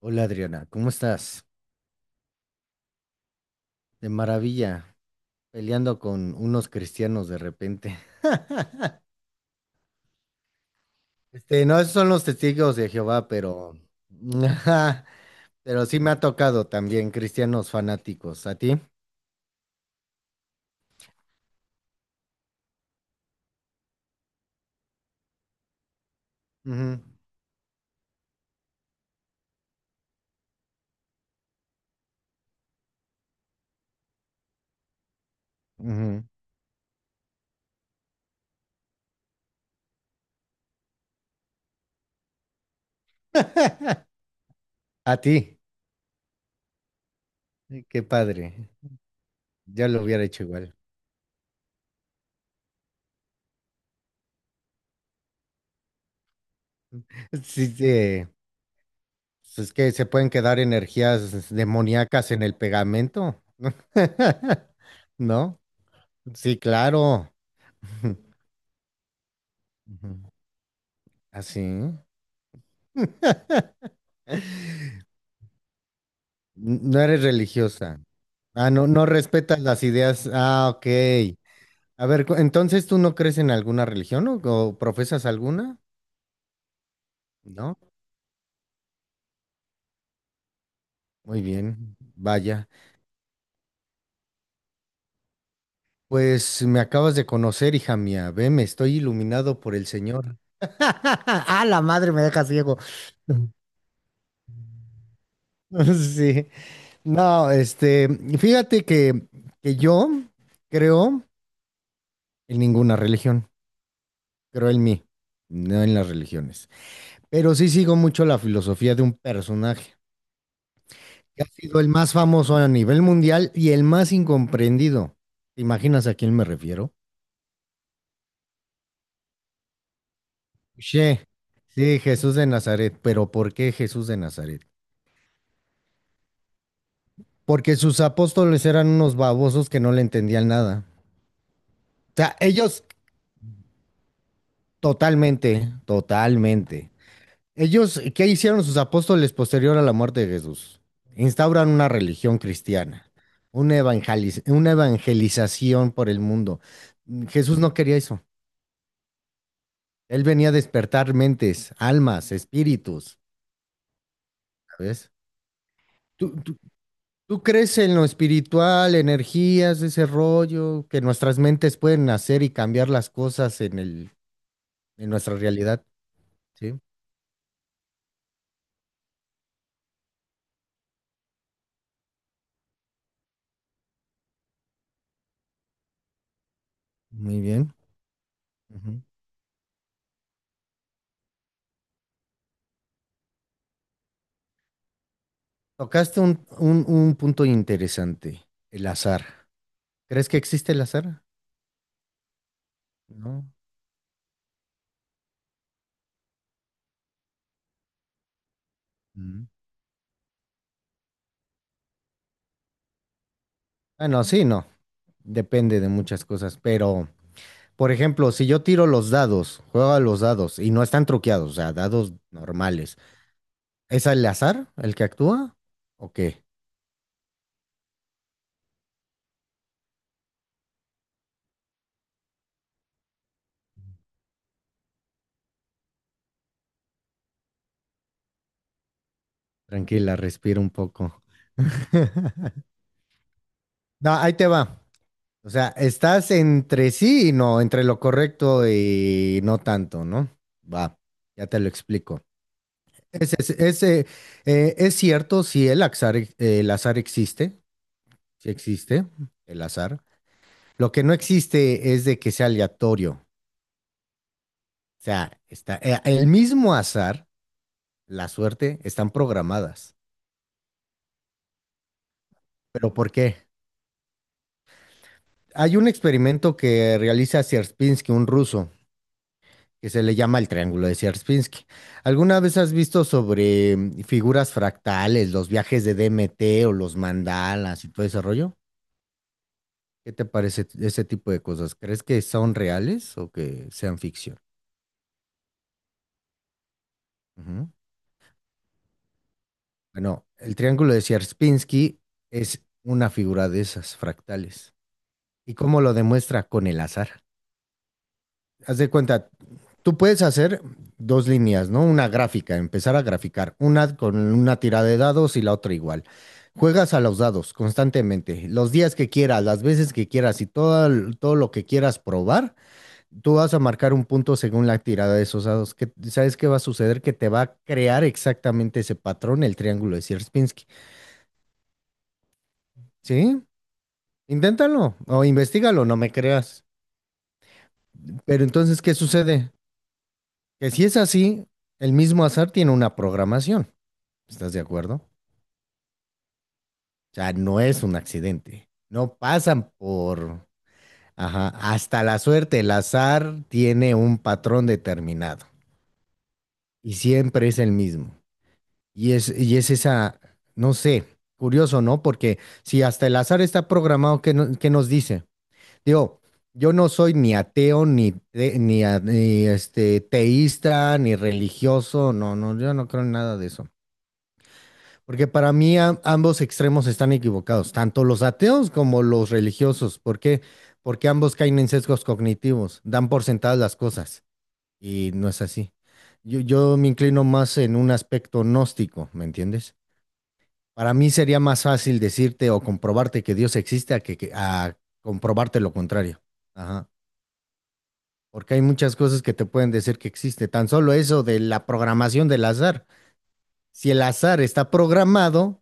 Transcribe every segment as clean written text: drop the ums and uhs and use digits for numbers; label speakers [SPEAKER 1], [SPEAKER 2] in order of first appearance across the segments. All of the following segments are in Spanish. [SPEAKER 1] Hola Adriana, ¿cómo estás? De maravilla, peleando con unos cristianos de repente. No, esos son los testigos de Jehová, pero... ajá, pero sí me ha tocado también cristianos fanáticos. ¿A ti? Ujú, ujú. A ti. Qué padre. Yo lo hubiera hecho igual. Sí, sí, pues es que se pueden quedar energías demoníacas en el pegamento. ¿No? Sí, claro. Ujú. Así. No eres religiosa. Ah, no, no respetas las ideas. Ah, ok. A ver, entonces tú no crees en alguna religión o profesas alguna, ¿no? Muy bien, vaya. Pues me acabas de conocer, hija mía. Ve, me estoy iluminado por el Señor. Ah, la madre me deja ciego. Sí. No, fíjate que yo creo en ninguna religión. Creo en mí, no en las religiones. Pero sí sigo mucho la filosofía de un personaje que ha sido el más famoso a nivel mundial y el más incomprendido. ¿Te imaginas a quién me refiero? Che, sí, Jesús de Nazaret. ¿Pero por qué Jesús de Nazaret? Porque sus apóstoles eran unos babosos que no le entendían nada. O sea, ellos totalmente, totalmente ellos, ¿qué hicieron sus apóstoles posterior a la muerte de Jesús? Instauran una religión cristiana, una evangelización por el mundo. Jesús no quería eso. Él venía a despertar mentes, almas, espíritus, ¿sabes? ¿Tú, tú- ¿Tú crees en lo espiritual, energías, ese rollo, que nuestras mentes pueden hacer y cambiar las cosas en en nuestra realidad? Sí, muy bien. Ujú. Tocaste un punto interesante, el azar. ¿Crees que existe el azar? No. Mm. Bueno, sí, no. Depende de muchas cosas. Pero, por ejemplo, si yo tiro los dados, juego a los dados y no están truqueados, o sea, dados normales, ¿es el azar el que actúa? ¿O qué? Tranquila, respira un poco. No, ahí te va. O sea, estás entre sí y no, entre lo correcto y no tanto, ¿no? Va, ya te lo explico. Ese, ese, ese, eh, es cierto si el azar, el azar existe, sí existe el azar. Lo que no existe es de que sea aleatorio. O sea, está, el mismo azar, la suerte, están programadas. ¿Pero por qué? Hay un experimento que realiza Sierpinski, un ruso, que se le llama el triángulo de Sierpinski. ¿Alguna vez has visto sobre figuras fractales, los viajes de DMT o los mandalas y todo ese rollo? ¿Qué te parece ese tipo de cosas? ¿Crees que son reales o que sean ficción? Ujú. Bueno, el triángulo de Sierpinski es una figura de esas fractales. ¿Y cómo lo demuestra? Con el azar. Haz de cuenta, tú puedes hacer dos líneas, ¿no? Una gráfica, empezar a graficar, una con una tirada de dados y la otra igual. Juegas a los dados constantemente, los días que quieras, las veces que quieras y todo, todo lo que quieras probar, tú vas a marcar un punto según la tirada de esos dados. ¿Sabes qué va a suceder? Que te va a crear exactamente ese patrón, el triángulo de Sierpinski. ¿Sí? Inténtalo o investigalo, no me creas. Pero entonces, ¿qué sucede? Que si es así, el mismo azar tiene una programación. ¿Estás de acuerdo? O sea, no es un accidente. No pasan por... Ajá, hasta la suerte, el azar tiene un patrón determinado y siempre es el mismo. Y es esa, no sé, curioso, ¿no? Porque si hasta el azar está programado, ¿qué, no- ¿qué nos dice? Digo, yo no soy ni ateo, ni teísta, ni religioso, no, no, yo no creo en nada de eso. Porque para mí ambos extremos están equivocados, tanto los ateos como los religiosos. ¿Por qué? Porque ambos caen en sesgos cognitivos, dan por sentadas las cosas y no es así. Yo me inclino más en un aspecto gnóstico, ¿me entiendes? Para mí sería más fácil decirte o comprobarte que Dios existe a que- a comprobarte lo contrario. Ajá. Porque hay muchas cosas que te pueden decir que existe. Tan solo eso de la programación del azar. Si el azar está programado,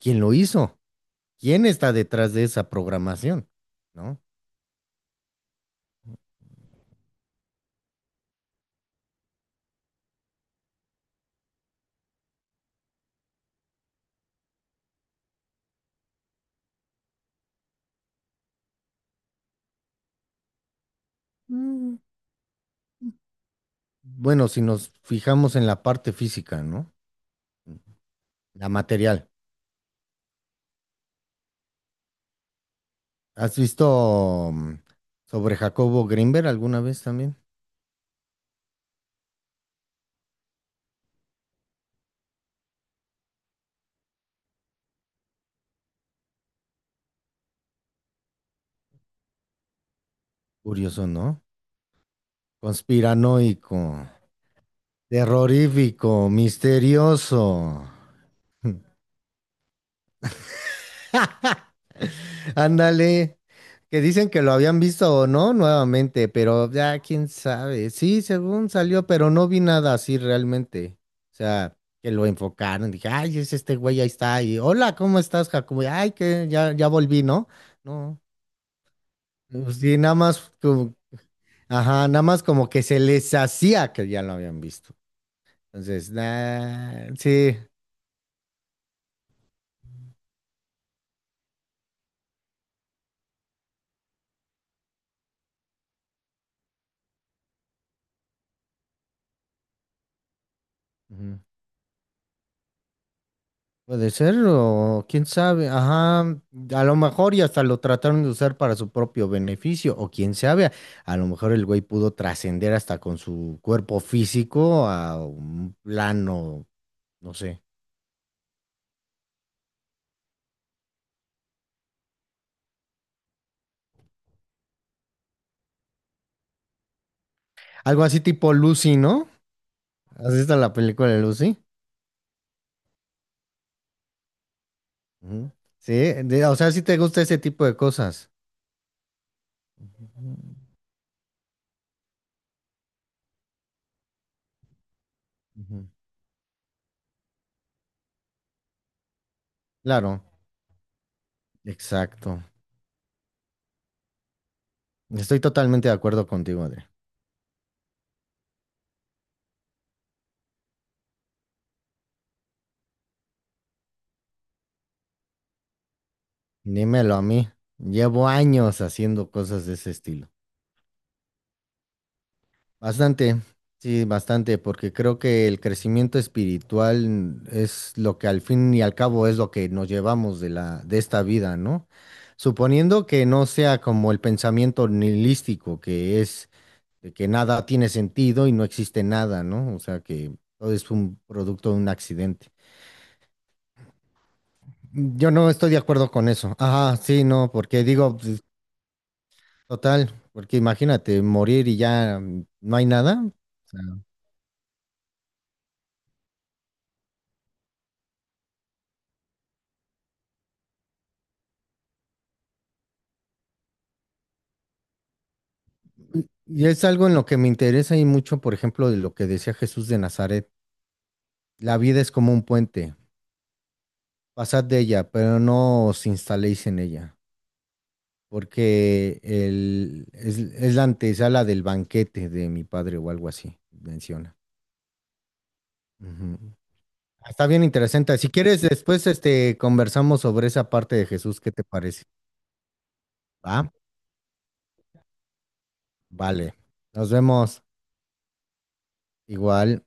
[SPEAKER 1] ¿quién lo hizo? ¿Quién está detrás de esa programación? ¿No? Mm. Bueno, si nos fijamos en la parte física, ¿no? La material. ¿Has visto sobre Jacobo Grinberg alguna vez también? Curioso, ¿no? Conspiranoico, terrorífico, misterioso. Ándale, que dicen que lo habían visto o no nuevamente, pero ya quién sabe. Sí, según salió, pero no vi nada así realmente. O sea, que lo enfocaron, dije, ay, es este güey, ahí está, y hola, ¿cómo estás, Jacobo? Y, ay, que ya, ya volví, ¿no? No, pues sí, nada más, ajá, nada más como que se les hacía que ya lo habían visto. Entonces, nah, sí. Puede ser, o quién sabe, ajá, a lo mejor y hasta lo trataron de usar para su propio beneficio, o quién sabe, a lo mejor el güey pudo trascender hasta con su cuerpo físico a un plano, no sé, algo así tipo Lucy, ¿no? ¿Has visto la película de Lucy? Ujú. Sí, o sea, si te gusta ese tipo de cosas. Ujú, claro, exacto. Estoy totalmente de acuerdo contigo, Adrián. Dímelo a mí. Llevo años haciendo cosas de ese estilo. Bastante, sí, bastante, porque creo que el crecimiento espiritual es lo que al fin y al cabo es lo que nos llevamos de de esta vida, ¿no? Suponiendo que no sea como el pensamiento nihilístico, que es de que nada tiene sentido y no existe nada, ¿no? O sea, que todo es un producto de un accidente. Yo no estoy de acuerdo con eso. Ajá, sí, no, porque digo, pues, total, porque imagínate morir y ya no hay nada. Y es algo en lo que me interesa y mucho, por ejemplo, de lo que decía Jesús de Nazaret. La vida es como un puente. Pasad de ella, pero no os instaléis en ella, porque es la antesala del banquete de mi padre o algo así, menciona. Ujú. Ah, está bien interesante. Si quieres, después conversamos sobre esa parte de Jesús. ¿Qué te parece? ¿Va? Vale. Nos vemos igual.